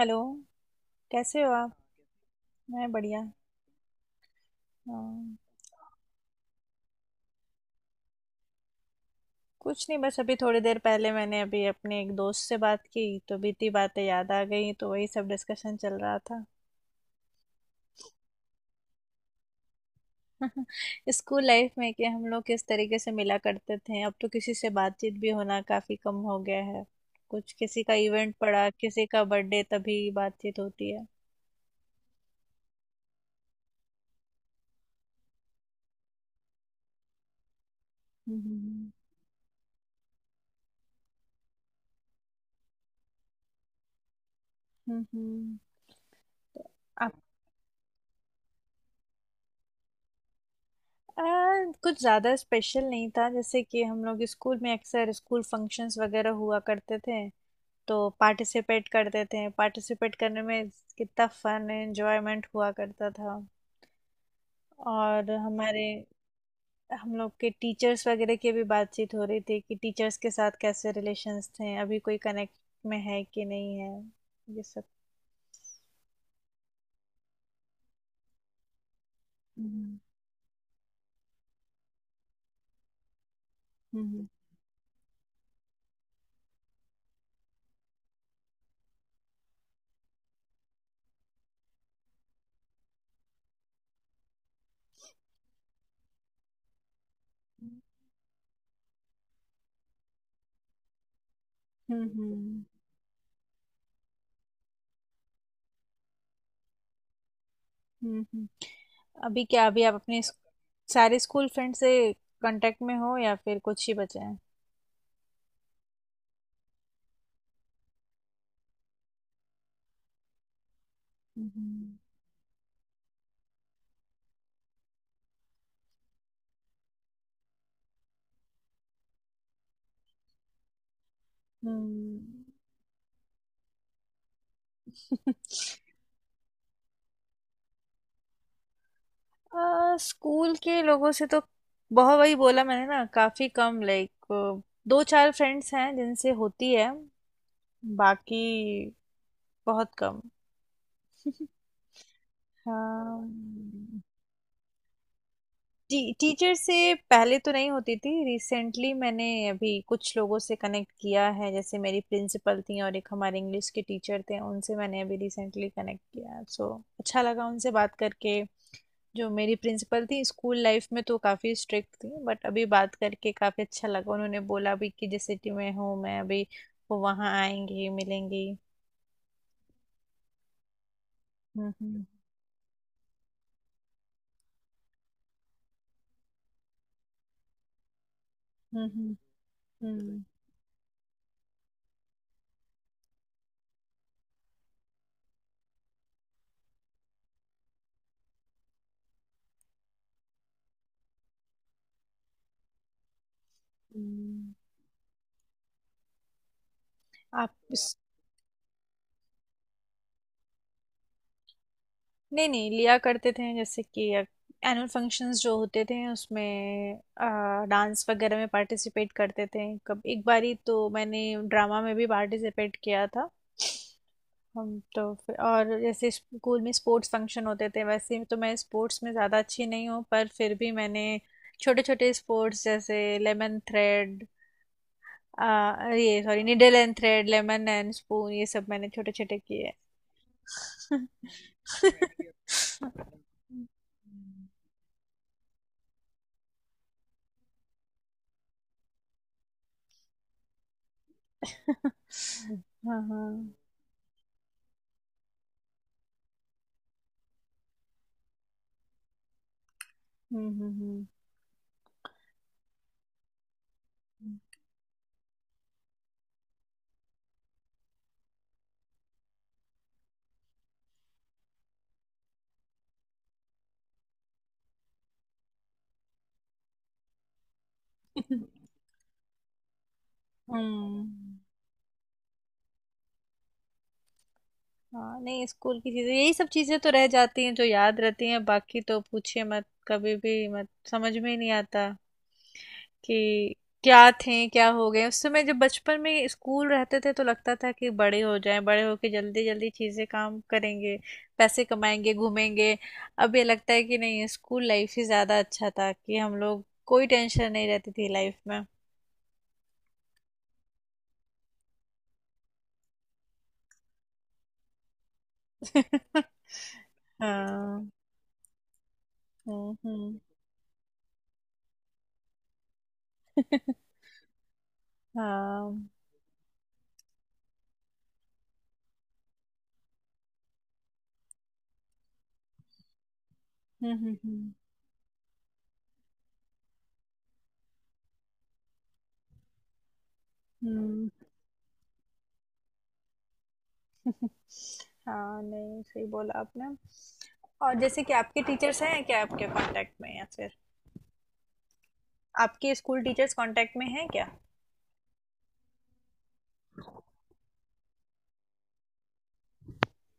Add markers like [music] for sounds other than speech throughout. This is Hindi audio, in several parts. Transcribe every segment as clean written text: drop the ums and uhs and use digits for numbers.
हेलो। कैसे हो आप। मैं बढ़िया। हाँ, कुछ नहीं, बस अभी थोड़ी देर पहले मैंने अभी अपने एक दोस्त से बात की, तो बीती बातें याद आ गई, तो वही सब डिस्कशन चल रहा था। स्कूल लाइफ में कि हम लोग किस तरीके से मिला करते थे, अब तो किसी से बातचीत भी होना काफी कम हो गया है। कुछ किसी का इवेंट पड़ा, किसी का बर्थडे, तभी बातचीत होती है। हम्म। हम्म। आप। आ, कुछ ज़्यादा स्पेशल नहीं था, जैसे कि हम लोग स्कूल में अक्सर स्कूल फंक्शंस वगैरह हुआ करते थे, तो पार्टिसिपेट करते थे, पार्टिसिपेट करने में कितना फन एंजॉयमेंट हुआ करता था। और हमारे हम लोग के टीचर्स वगैरह की भी बातचीत हो रही थी कि टीचर्स के साथ कैसे रिलेशंस थे, अभी कोई कनेक्ट में है कि नहीं है, ये सब। हम्म। हम्म। हम्म। हम्म। हम्म। अभी क्या, अभी आप अपने सारे स्कूल फ्रेंड से कांटेक्ट में हो या फिर कुछ ही बचे हैं। हम्म। हम्म। [laughs] स्कूल के लोगों से तो बहुत, वही बोला मैंने ना, काफी कम, लाइक दो चार फ्रेंड्स हैं जिनसे होती है, बाकी बहुत कम। [laughs] हाँ। टीचर से पहले तो नहीं होती थी, रिसेंटली मैंने अभी कुछ लोगों से कनेक्ट किया है, जैसे मेरी प्रिंसिपल थी और एक हमारे इंग्लिश के टीचर थे, उनसे मैंने अभी रिसेंटली कनेक्ट किया, सो अच्छा लगा उनसे बात करके। जो मेरी प्रिंसिपल थी स्कूल लाइफ में तो काफ़ी स्ट्रिक्ट थी, बट अभी बात करके काफ़ी अच्छा लगा, उन्होंने बोला भी कि जिस सिटी में हूँ मैं अभी, वो वहाँ आएंगी मिलेंगी। हम्म। हम्म। हम्म। हम्म। हम्म। आप। नहीं, नहीं, लिया करते थे, जैसे कि एनुअल फंक्शंस जो होते थे उसमें डांस वगैरह में पार्टिसिपेट करते थे। कब एक बारी तो मैंने ड्रामा में भी पार्टिसिपेट किया था। हम तो फिर, और जैसे स्कूल में स्पोर्ट्स फंक्शन होते थे, वैसे तो मैं स्पोर्ट्स में ज़्यादा अच्छी नहीं हूँ, पर फिर भी मैंने छोटे छोटे स्पोर्ट्स जैसे लेमन थ्रेड, ये sorry, needle and thread, lemon and spoon, ये सब मैंने छोटे छोटे किए हैं। [laughs] हुँ। हाँ, हाँ। हुँ, हुँ, हुँ। हुँ। हाँ, नहीं, स्कूल की चीज़ें, यही सब चीज़ें तो रह जाती हैं जो याद रहती हैं, बाकी तो पूछिए मत, कभी भी मत, समझ में ही नहीं आता कि क्या थे क्या हो गए। उस समय जब बचपन में स्कूल रहते थे तो लगता था कि बड़े हो जाएं, बड़े होके जल्दी जल्दी चीज़ें काम करेंगे, पैसे कमाएंगे, घूमेंगे। अब ये लगता है कि नहीं, स्कूल लाइफ ही ज़्यादा अच्छा था, कि हम लोग, कोई टेंशन नहीं रहती थी लाइफ में। [laughs] हाँ। हम्म। हाँ। हम्म। हम्म। हम्म, हाँ, नहीं, सही बोला आपने। और जैसे कि आपके टीचर्स हैं क्या आपके कांटेक्ट में, या फिर आपके स्कूल टीचर्स कांटेक्ट में हैं क्या।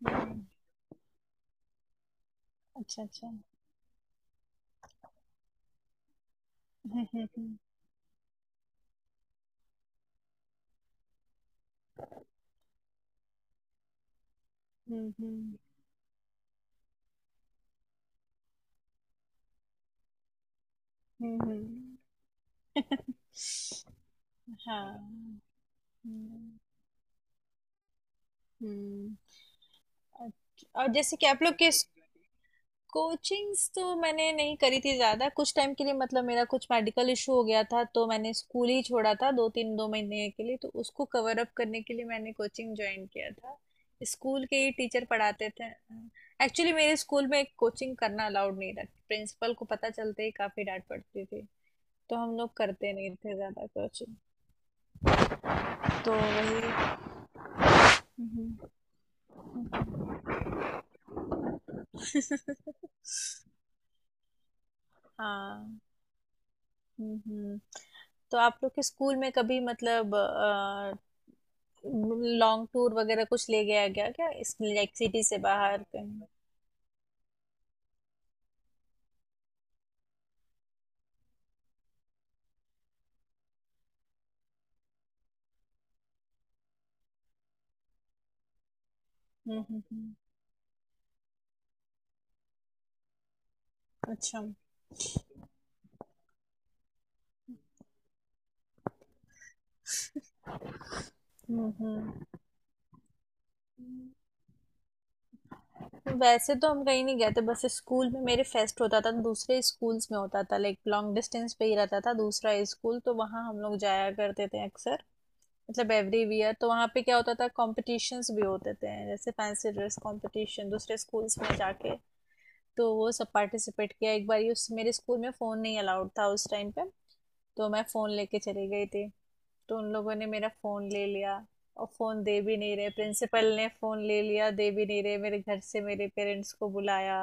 हम्म, अच्छा अच्छा। हम्म। हम्म। हम्म। हम्म। हम्म, हम्म। [laughs] हाँ। हम्म। हम्म, अच्छा, और जैसे कि आप लोग किस। कोचिंग्स तो मैंने नहीं करी थी ज़्यादा, कुछ टाइम के लिए, मतलब मेरा कुछ मेडिकल इशू हो गया था तो मैंने स्कूल ही छोड़ा था दो तीन, 2 महीने के लिए, तो उसको कवर अप करने के लिए मैंने कोचिंग ज्वाइन किया था। स्कूल के ही टीचर पढ़ाते थे। एक्चुअली मेरे स्कूल में कोचिंग करना अलाउड नहीं था, प्रिंसिपल को पता चलते ही काफ़ी डांट पड़ती थी, तो हम लोग करते नहीं थे ज़्यादा कोचिंग। तो वही। [laughs] हम्म, हम्म। हाँ। हम्म। हम्म। तो आप लोग के स्कूल में कभी मतलब लॉन्ग टूर वगैरह कुछ ले गया गया क्या, इस लाइक सिटी से बाहर कहीं। हम्म। हम्म। हम्म। अच्छा। हम्म। हम्म। वैसे तो हम कहीं नहीं गए थे, बस स्कूल में मेरे फेस्ट होता था, दूसरे स्कूल्स में होता था, लाइक लॉन्ग डिस्टेंस पे ही रहता था दूसरा स्कूल, तो वहाँ हम लोग जाया करते थे अक्सर। मतलब एवरी ईयर तो वहाँ पे क्या होता था, कॉम्पिटिशन्स भी होते थे, जैसे फैंसी ड्रेस कॉम्पिटिशन, दूसरे स्कूल्स में जाके, तो वो सब पार्टिसिपेट किया। एक बार ये, उस मेरे स्कूल में फ़ोन नहीं अलाउड था उस टाइम पे, तो मैं फ़ोन लेके चली गई थी, तो उन लोगों ने मेरा फ़ोन ले लिया, और फ़ोन दे भी नहीं रहे, प्रिंसिपल ने फ़ोन ले लिया, दे भी नहीं रहे, मेरे घर से मेरे पेरेंट्स को बुलाया,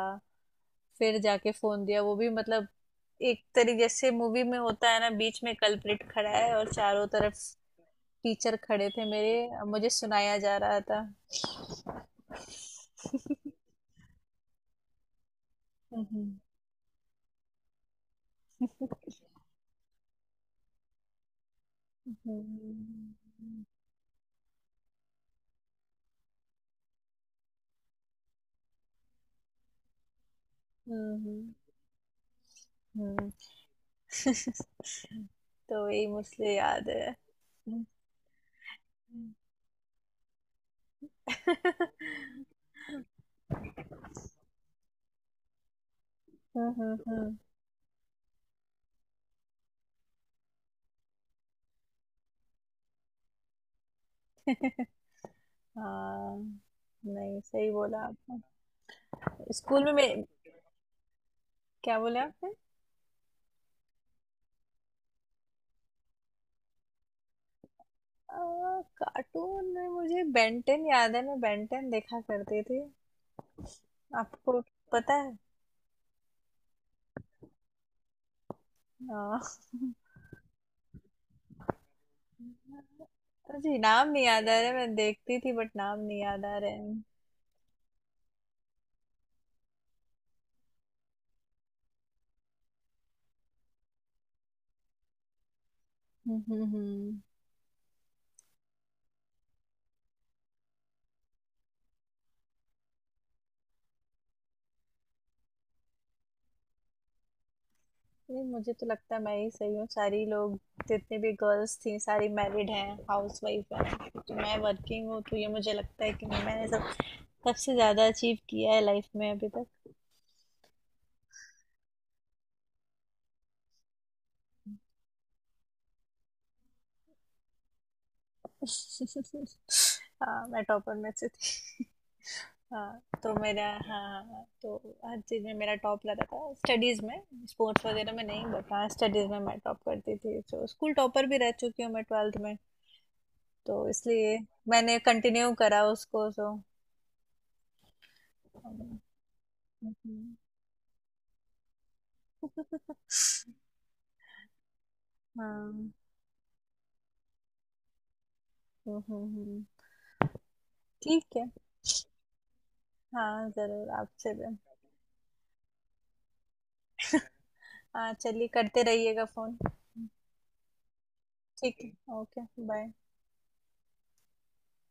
फिर जाके फ़ोन दिया। वो भी मतलब एक तरीके से, मूवी में होता है ना, बीच में कल्प्रिट खड़ा है और चारों तरफ टीचर खड़े थे मेरे, मुझे सुनाया जा रहा था। [laughs] हम्म, हम्म, हम्म। हम्म हम्म, हम्म। [laughs] तो वही मुझे याद है। हम्म। हम्म। [laughs] हम्म। [laughs] हाँ, नहीं, सही बोला आपने। स्कूल [laughs] में मैं, क्या बोले आपने। कार्टून में मुझे बेंटेन याद है, मैं बेंटेन देखा करती थी, आपको पता है। हाँ। [laughs] मुझे नाम नहीं याद आ रहा है, मैं देखती थी बट नाम नहीं याद आ रहे हैं। हम्म। नहीं, मुझे तो लगता है मैं ही सही हूँ, सारी लोग जितने भी गर्ल्स थी सारी मैरिड हैं, हाउस वाइफ हैं, तो मैं वर्किंग हूँ, तो ये मुझे लगता है कि मैंने सब सबसे ज्यादा अचीव किया है लाइफ में अभी तक। [laughs] हाँ, मैं टॉपर में से थी। हाँ तो मेरा, हाँ हाँ, हाँ, तो हर चीज़ में मेरा टॉप लगा था स्टडीज़ में, स्पोर्ट्स वगैरह में नहीं, बट हाँ, स्टडीज़ में मैं टॉप करती थी, तो स्कूल टॉपर भी रह चुकी हूँ मैं 12th में। तो इसलिए मैंने कंटिन्यू करा उसको, सो हाँ। हम्म। ठीक है। हाँ जरूर, आपसे भी। हाँ चलिए, करते रहिएगा फोन। ठीक है। ओके। बाय।